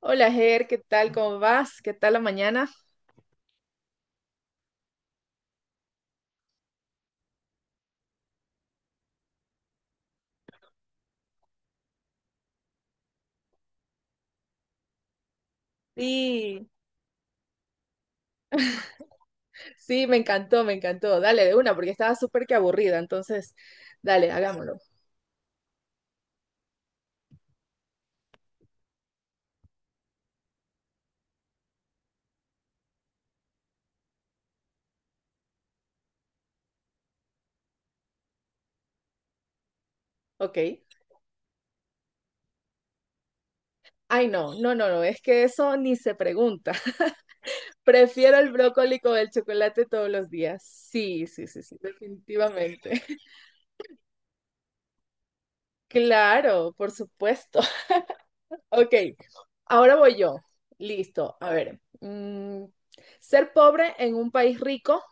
Hola, Ger, ¿qué tal? ¿Cómo vas? ¿Qué tal la mañana? Sí, Sí, Me encantó, me encantó. Dale de una, porque estaba súper que aburrida. Entonces, dale, hagámoslo. Ok. Ay, no, no, no, no, es que eso ni se pregunta. Prefiero el brócoli con el chocolate todos los días. Sí, sí, sí, sí, definitivamente. Claro, por supuesto. Ok, ahora voy yo. Listo, a ver. Ser pobre en un país rico,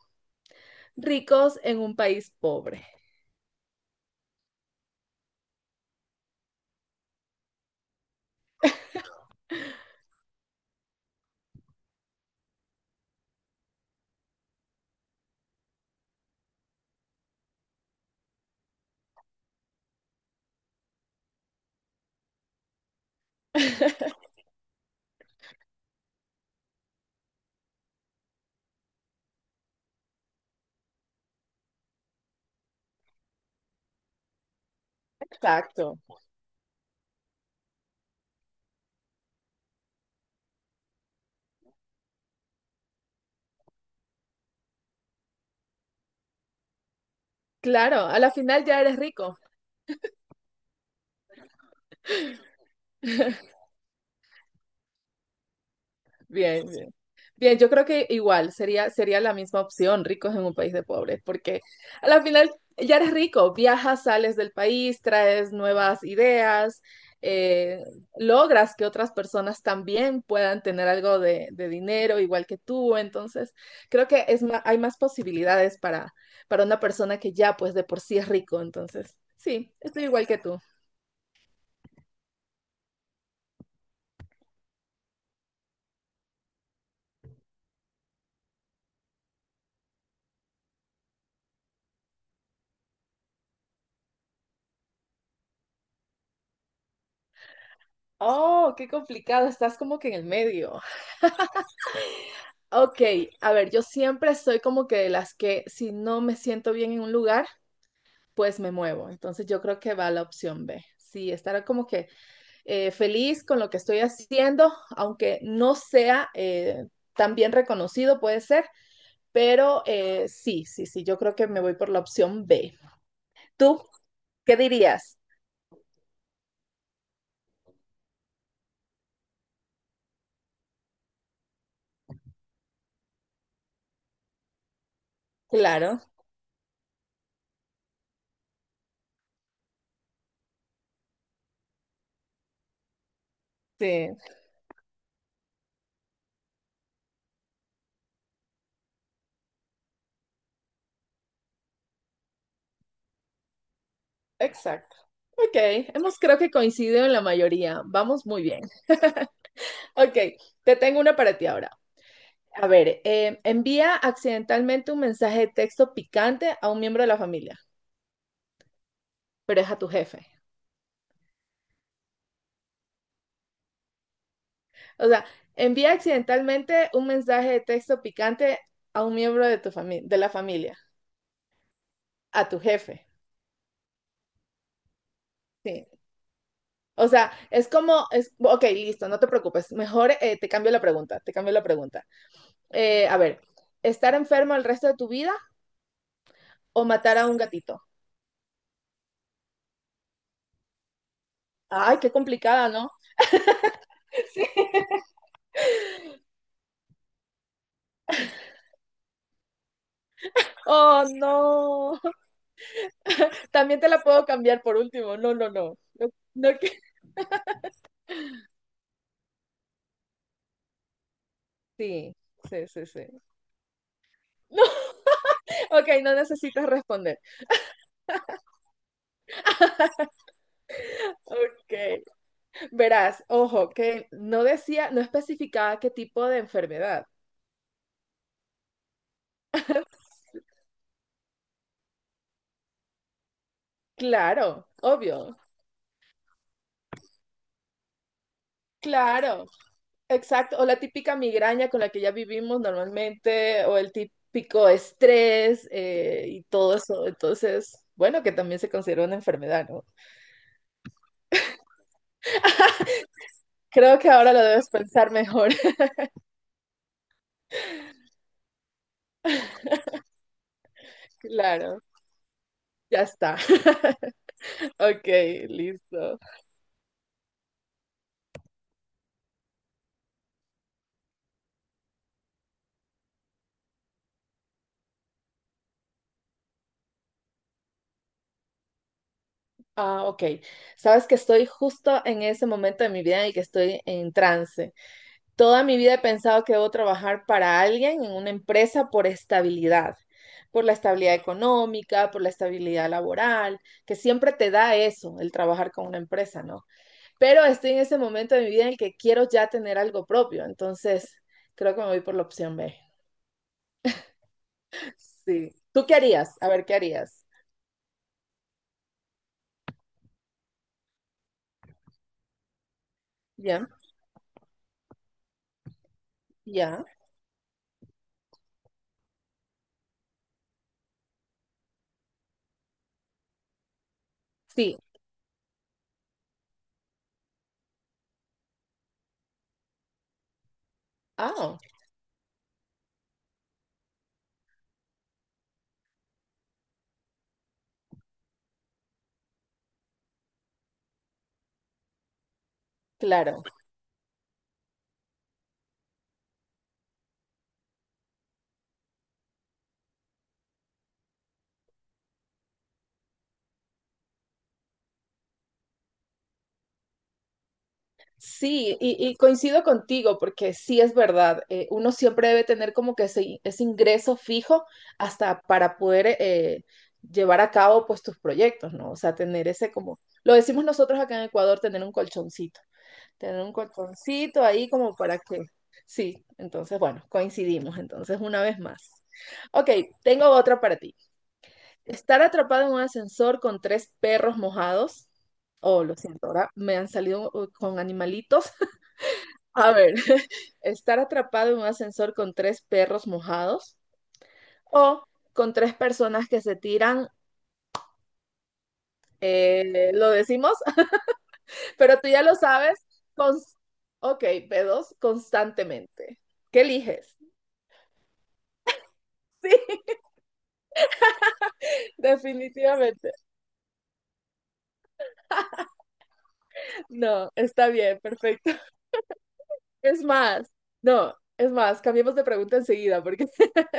ricos en un país pobre. Exacto. Claro, a la final ya eres rico. Bien, bien. Bien, yo creo que igual sería la misma opción, ricos en un país de pobres, porque a la final ya eres rico, viajas, sales del país, traes nuevas ideas, eh, logras que otras personas también puedan tener algo de dinero igual que tú. Entonces, creo que es hay más posibilidades para una persona que ya pues de por sí es rico. Entonces, sí, estoy igual que tú. Oh, qué complicado, estás como que en el medio. Ok, a ver, yo siempre soy como que de las que si no me siento bien en un lugar, pues me muevo. Entonces yo creo que va la opción B. Sí, estar como que feliz con lo que estoy haciendo, aunque no sea tan bien reconocido, puede ser, pero sí, sí, sí, yo creo que me voy por la opción B. ¿Tú qué dirías? Claro, sí, exacto. Ok, hemos creo que coincidido en la mayoría. Vamos muy bien. Ok, te tengo una para ti ahora. A ver, envía accidentalmente un mensaje de texto picante a un miembro de la familia, pero es a tu jefe. O sea, envía accidentalmente un mensaje de texto picante a un miembro de tu familia, de la familia, a tu jefe. Sí. O sea, es como, es, ok, listo, no te preocupes. Mejor te cambio la pregunta, te cambio la pregunta. A ver, ¿estar enfermo el resto de tu vida o matar a un gatito? Ay, qué complicada, ¿no? Oh, no. También te la puedo cambiar por último. No, no, no. No, no que... Sí, sí, sí, sí. No, ok, no necesitas responder. Ok. Verás, ojo, que no decía, no especificaba qué tipo de enfermedad. Claro, obvio. Claro, exacto. O la típica migraña con la que ya vivimos normalmente, o el típico estrés y todo eso. Entonces, bueno, que también se considera una enfermedad, ¿no? Creo que ahora lo debes pensar mejor. Claro, ya está. Ok, listo. Ah, ok. Sabes que estoy justo en ese momento de mi vida en el que estoy en trance. Toda mi vida he pensado que debo trabajar para alguien en una empresa por estabilidad, por la estabilidad económica, por la estabilidad laboral, que siempre te da eso, el trabajar con una empresa, ¿no? Pero estoy en ese momento de mi vida en el que quiero ya tener algo propio, entonces creo que me voy por la opción B. Sí. ¿Tú qué harías? A ver, ¿qué harías? Ya, ya. Sí. Ah, claro. Sí, y coincido contigo porque sí es verdad, uno siempre debe tener como que ese ingreso fijo hasta para poder llevar a cabo pues tus proyectos, ¿no? O sea, tener ese como, lo decimos nosotros acá en Ecuador, tener un colchoncito ahí como para que, sí, entonces bueno, coincidimos, entonces una vez más. Ok, tengo otra para ti. Estar atrapado en un ascensor con tres perros mojados. Oh, lo siento, ahora me han salido con animalitos a ver, estar atrapado en un ascensor con tres perros mojados o con tres personas que se tiran, lo decimos, pero tú ya lo sabes, cons- ok, pedos constantemente. ¿Qué eliges? Sí, definitivamente. No, está bien, perfecto. Es más, no, es más, cambiemos de pregunta enseguida porque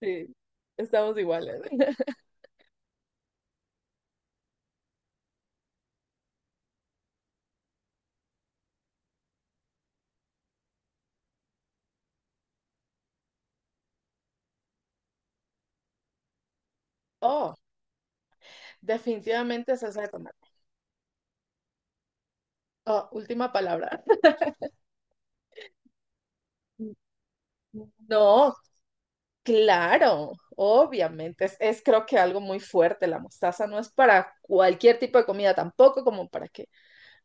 sí, estamos iguales. Oh, definitivamente salsa de tomate. Oh, última palabra. No, claro, obviamente, es creo que algo muy fuerte. La mostaza no es para cualquier tipo de comida, tampoco como para que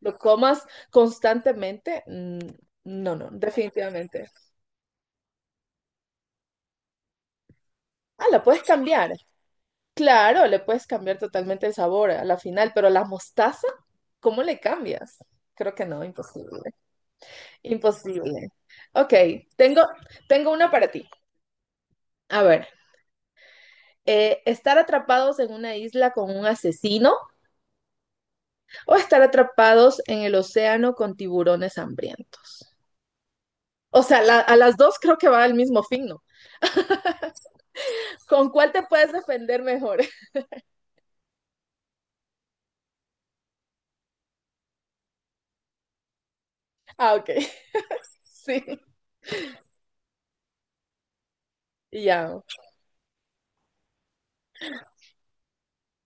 lo comas constantemente. No, no, definitivamente. Ah, la puedes cambiar. Claro, le puedes cambiar totalmente el sabor a la final, pero la mostaza, ¿cómo le cambias? Creo que no, imposible. Imposible. Ok, tengo, tengo una para ti. A ver, estar atrapados en una isla con un asesino o estar atrapados en el océano con tiburones hambrientos. O sea, la, a las dos creo que va el mismo fin, ¿no? ¿Con cuál te puedes defender mejor? Ah, ok. Sí. Y ya. Yeah.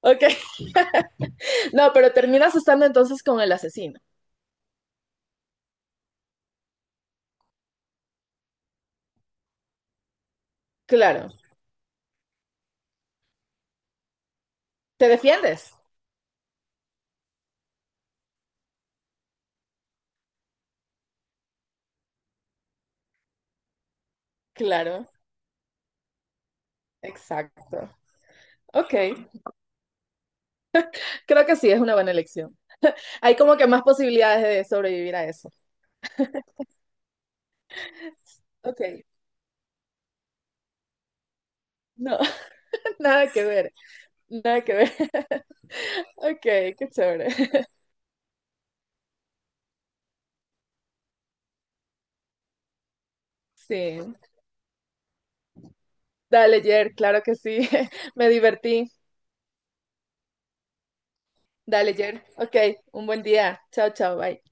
Ok. No, pero terminas estando entonces con el asesino. Claro. ¿Te defiendes? Claro. Exacto. Ok. Creo que sí, es una buena elección. Hay como que más posibilidades de sobrevivir a eso. Ok. No, nada que ver. Nada que ver. Ok, qué chévere. Sí. Dale, Jer, claro que sí. Me divertí. Dale, Jer. Ok, un buen día. Chao, chao, bye.